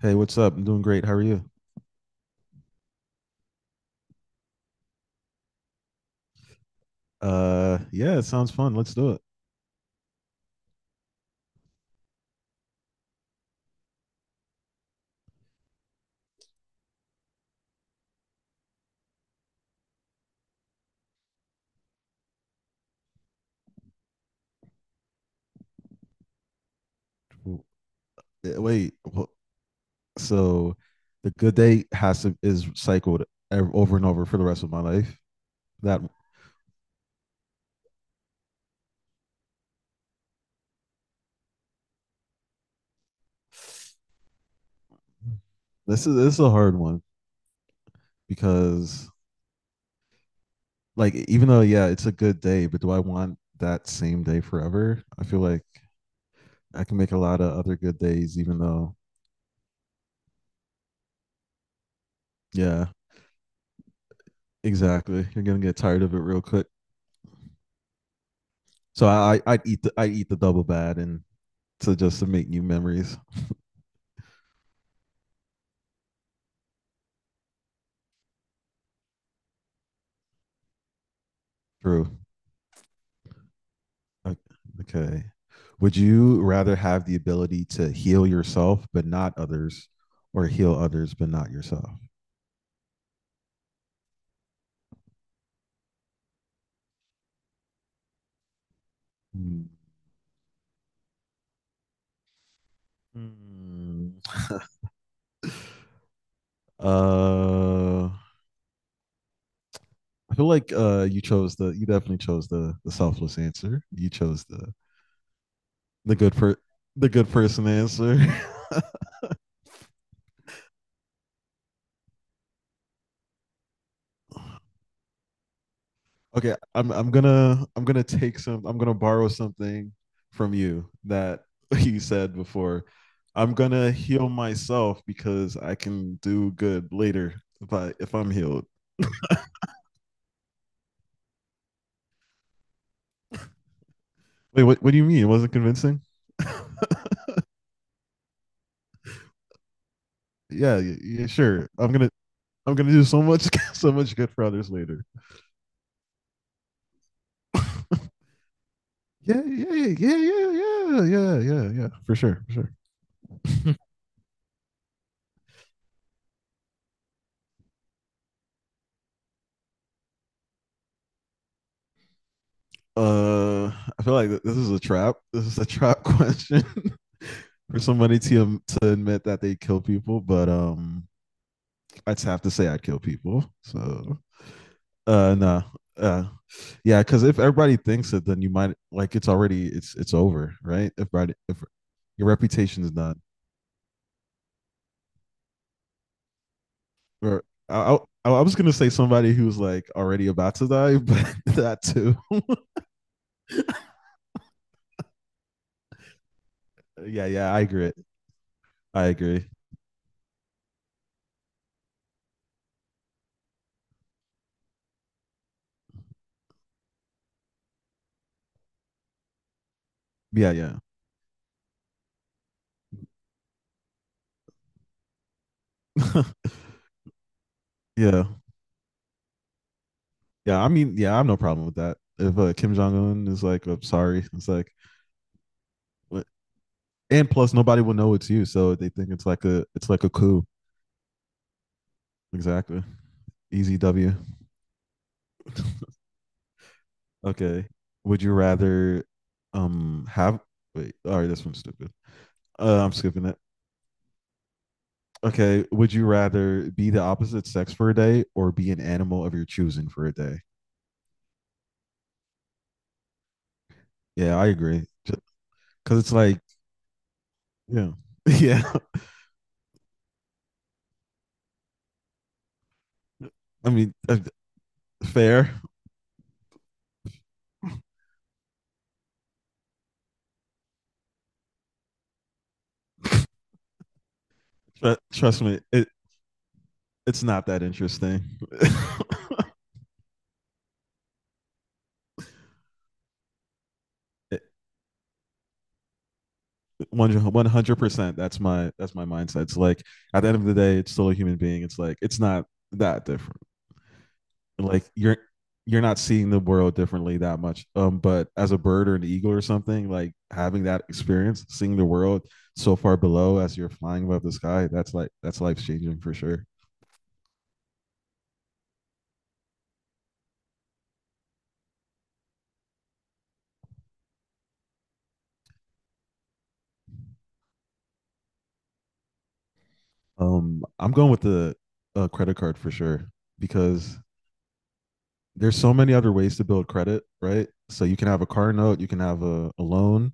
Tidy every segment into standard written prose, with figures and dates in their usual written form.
Hey, what's up? I'm doing great. How are you? Yeah, it sounds fun. Let's do it. W- Wait, so the good day has to is cycled over and over for the rest of my life. That This is a hard one because like even though yeah, it's a good day, but do I want that same day forever? I feel like I can make a lot of other good days, even though. Yeah, exactly. You're gonna get tired of it real quick. So I'd eat the double bad and to just to make new memories. True. O- Okay. Would you rather have the ability to heal yourself but not others, or heal others but not yourself? Hmm. Hmm. I feel like you chose the. You definitely chose the selfless answer. You chose the good per the good person answer. Okay, I'm gonna take some I'm gonna borrow something from you that you said before. I'm gonna heal myself because I can do good later if I'm healed. Wait, what do you mean? It wasn't convincing? yeah, yeah, yeah, sure. I'm gonna do so much so much good for others later. Yeah, yeah, yeah, yeah, yeah, yeah, yeah, yeah. For sure, for sure. uh, I feel like this is a trap. This is a trap question. For somebody to admit that they kill people, but I'd have to say I'd kill people. So no, uh, yeah, because if everybody thinks it, then you might like it's already it's over, right? If your reputation is done, or I, I was gonna say somebody who's like already about to die, but that too. yeah, yeah, I agree. I agree. Yeah, yeah, yeah, yeah. I mean, yeah, I have no problem with that. If Kim Jong Un is like, "I'm sorry," it's like, And plus, nobody will know it's you, so they think it's like a coup. Exactly. Easy W. okay. Would you rather have wait? All right, this one's stupid. I'm skipping it. Okay. Would you rather be the opposite sex for a day or be an animal of your choosing for a day? Yeah, I agree. Because it's like, yeah, yeah. I mean, fair. Trust me, it's not that interesting. it, 100%. That's my mindset. It's like at the end of the day, it's still a human being. It's like it's not that different. Like you're not seeing the world differently that much. But as a bird or an eagle or something, like having that experience, seeing the world so far below as you're flying above the sky, that's life changing for sure. I'm going with the credit card for sure because there's so many other ways to build credit, right? So you can have a car note, you can have a loan,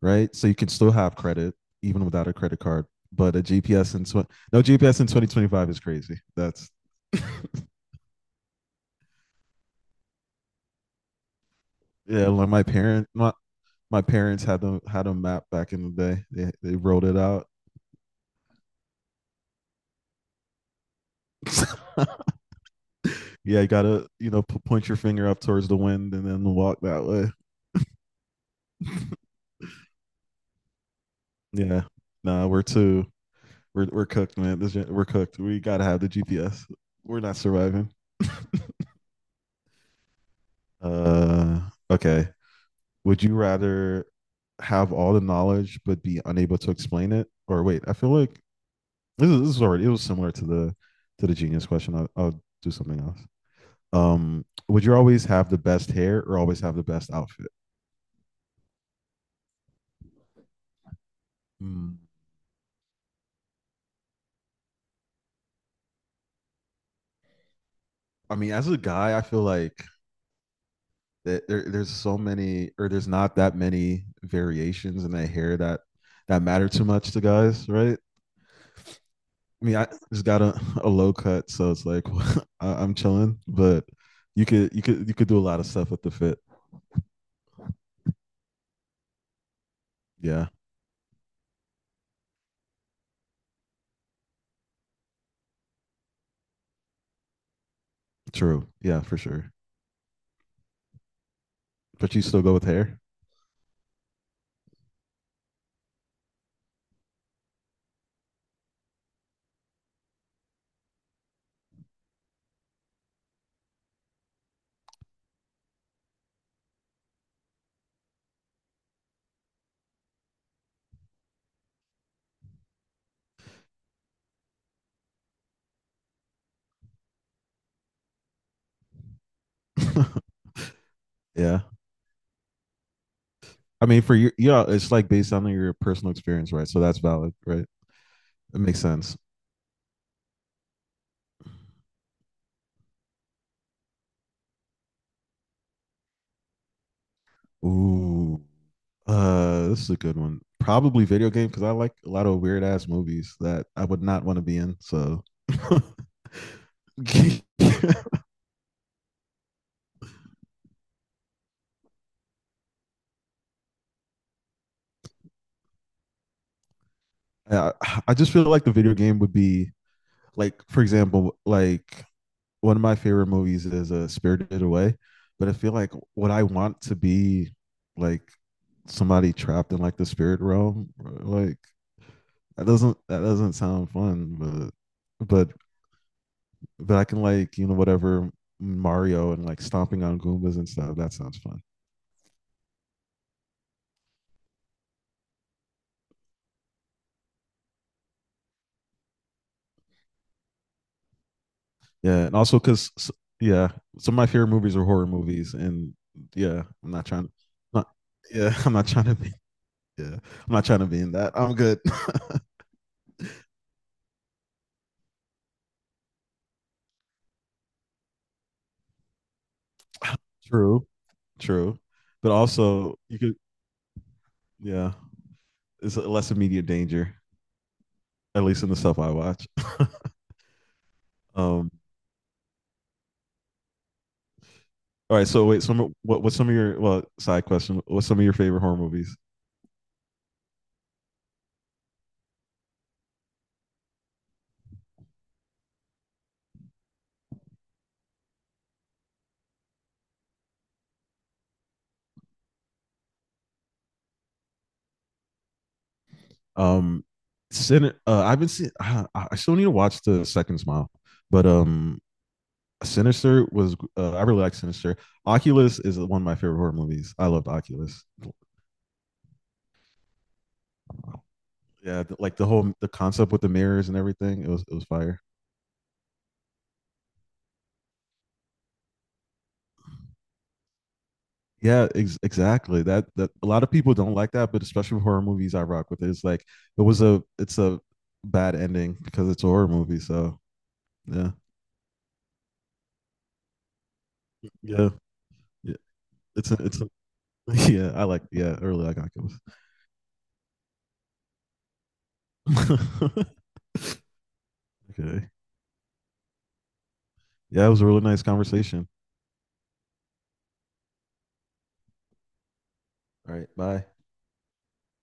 right? So you can still have credit even without a credit card. But a GPS in no GPS in 2025 is crazy. That's yeah. Like my parents had a map back in the day. They wrote it out. yeah, you gotta you know point your finger up towards the wind and then walk that way. Yeah, nah, we're cooked, man. This we're cooked. We gotta have the GPS. We're not surviving. Uh, okay. Would you rather have all the knowledge but be unable to explain it? Or wait, I feel like this is already it was similar to the genius question. I'll do something else. Would you always have the best hair or always have the best outfit? Mm. I mean, as a guy, I feel like that there's so many or there's not that many variations in that hair that matter too much to guys, right? I mean, I just got a low cut, so it's like I'm chilling. But you could you could do a lot of stuff with the fit. Yeah, true. Yeah, for sure. But you still go with hair. yeah, I mean, for you, yeah, it's like based on your personal experience, right? So that's valid, right? It makes sense. Ooh, this is a good one. Probably video game because I like a lot of weird ass movies that I would not want to be in. So I, I just feel like the video game would be like for example, like one of my favorite movies is a Spirited Away, but I feel like what I want to be like somebody trapped in like the spirit realm, like that doesn't sound fun, but but but I can like you know whatever Mario and like stomping on Goombas and stuff. That sounds fun. Yeah, and also because yeah, some of my favorite movies are horror movies, and yeah, I'm not trying, not yeah, I'm not trying to be yeah, I'm not trying to be in that. I'm good. true, true, but also you could yeah, it's less immediate danger, at least in the stuff I watch. Um, all right, so wait, some what's some of your well side question? What's some of your favorite horror movies? Um, Sinister. I've been seeing. I still need to watch the Second Smile, but Sinister was. I really like Sinister. Oculus is one of my favorite horror movies. I loved Oculus. Yeah, like the concept with the mirrors and everything. It was fire. Yeah, exactly. That a lot of people don't like that, but especially with horror movies, I rock with it. It's like it's a bad ending because it's a horror movie. So yeah, yeah, yeah. It's a, it's a, yeah. I like yeah. Early I got kills. Okay. Yeah, it was a really nice conversation. All right. Bye.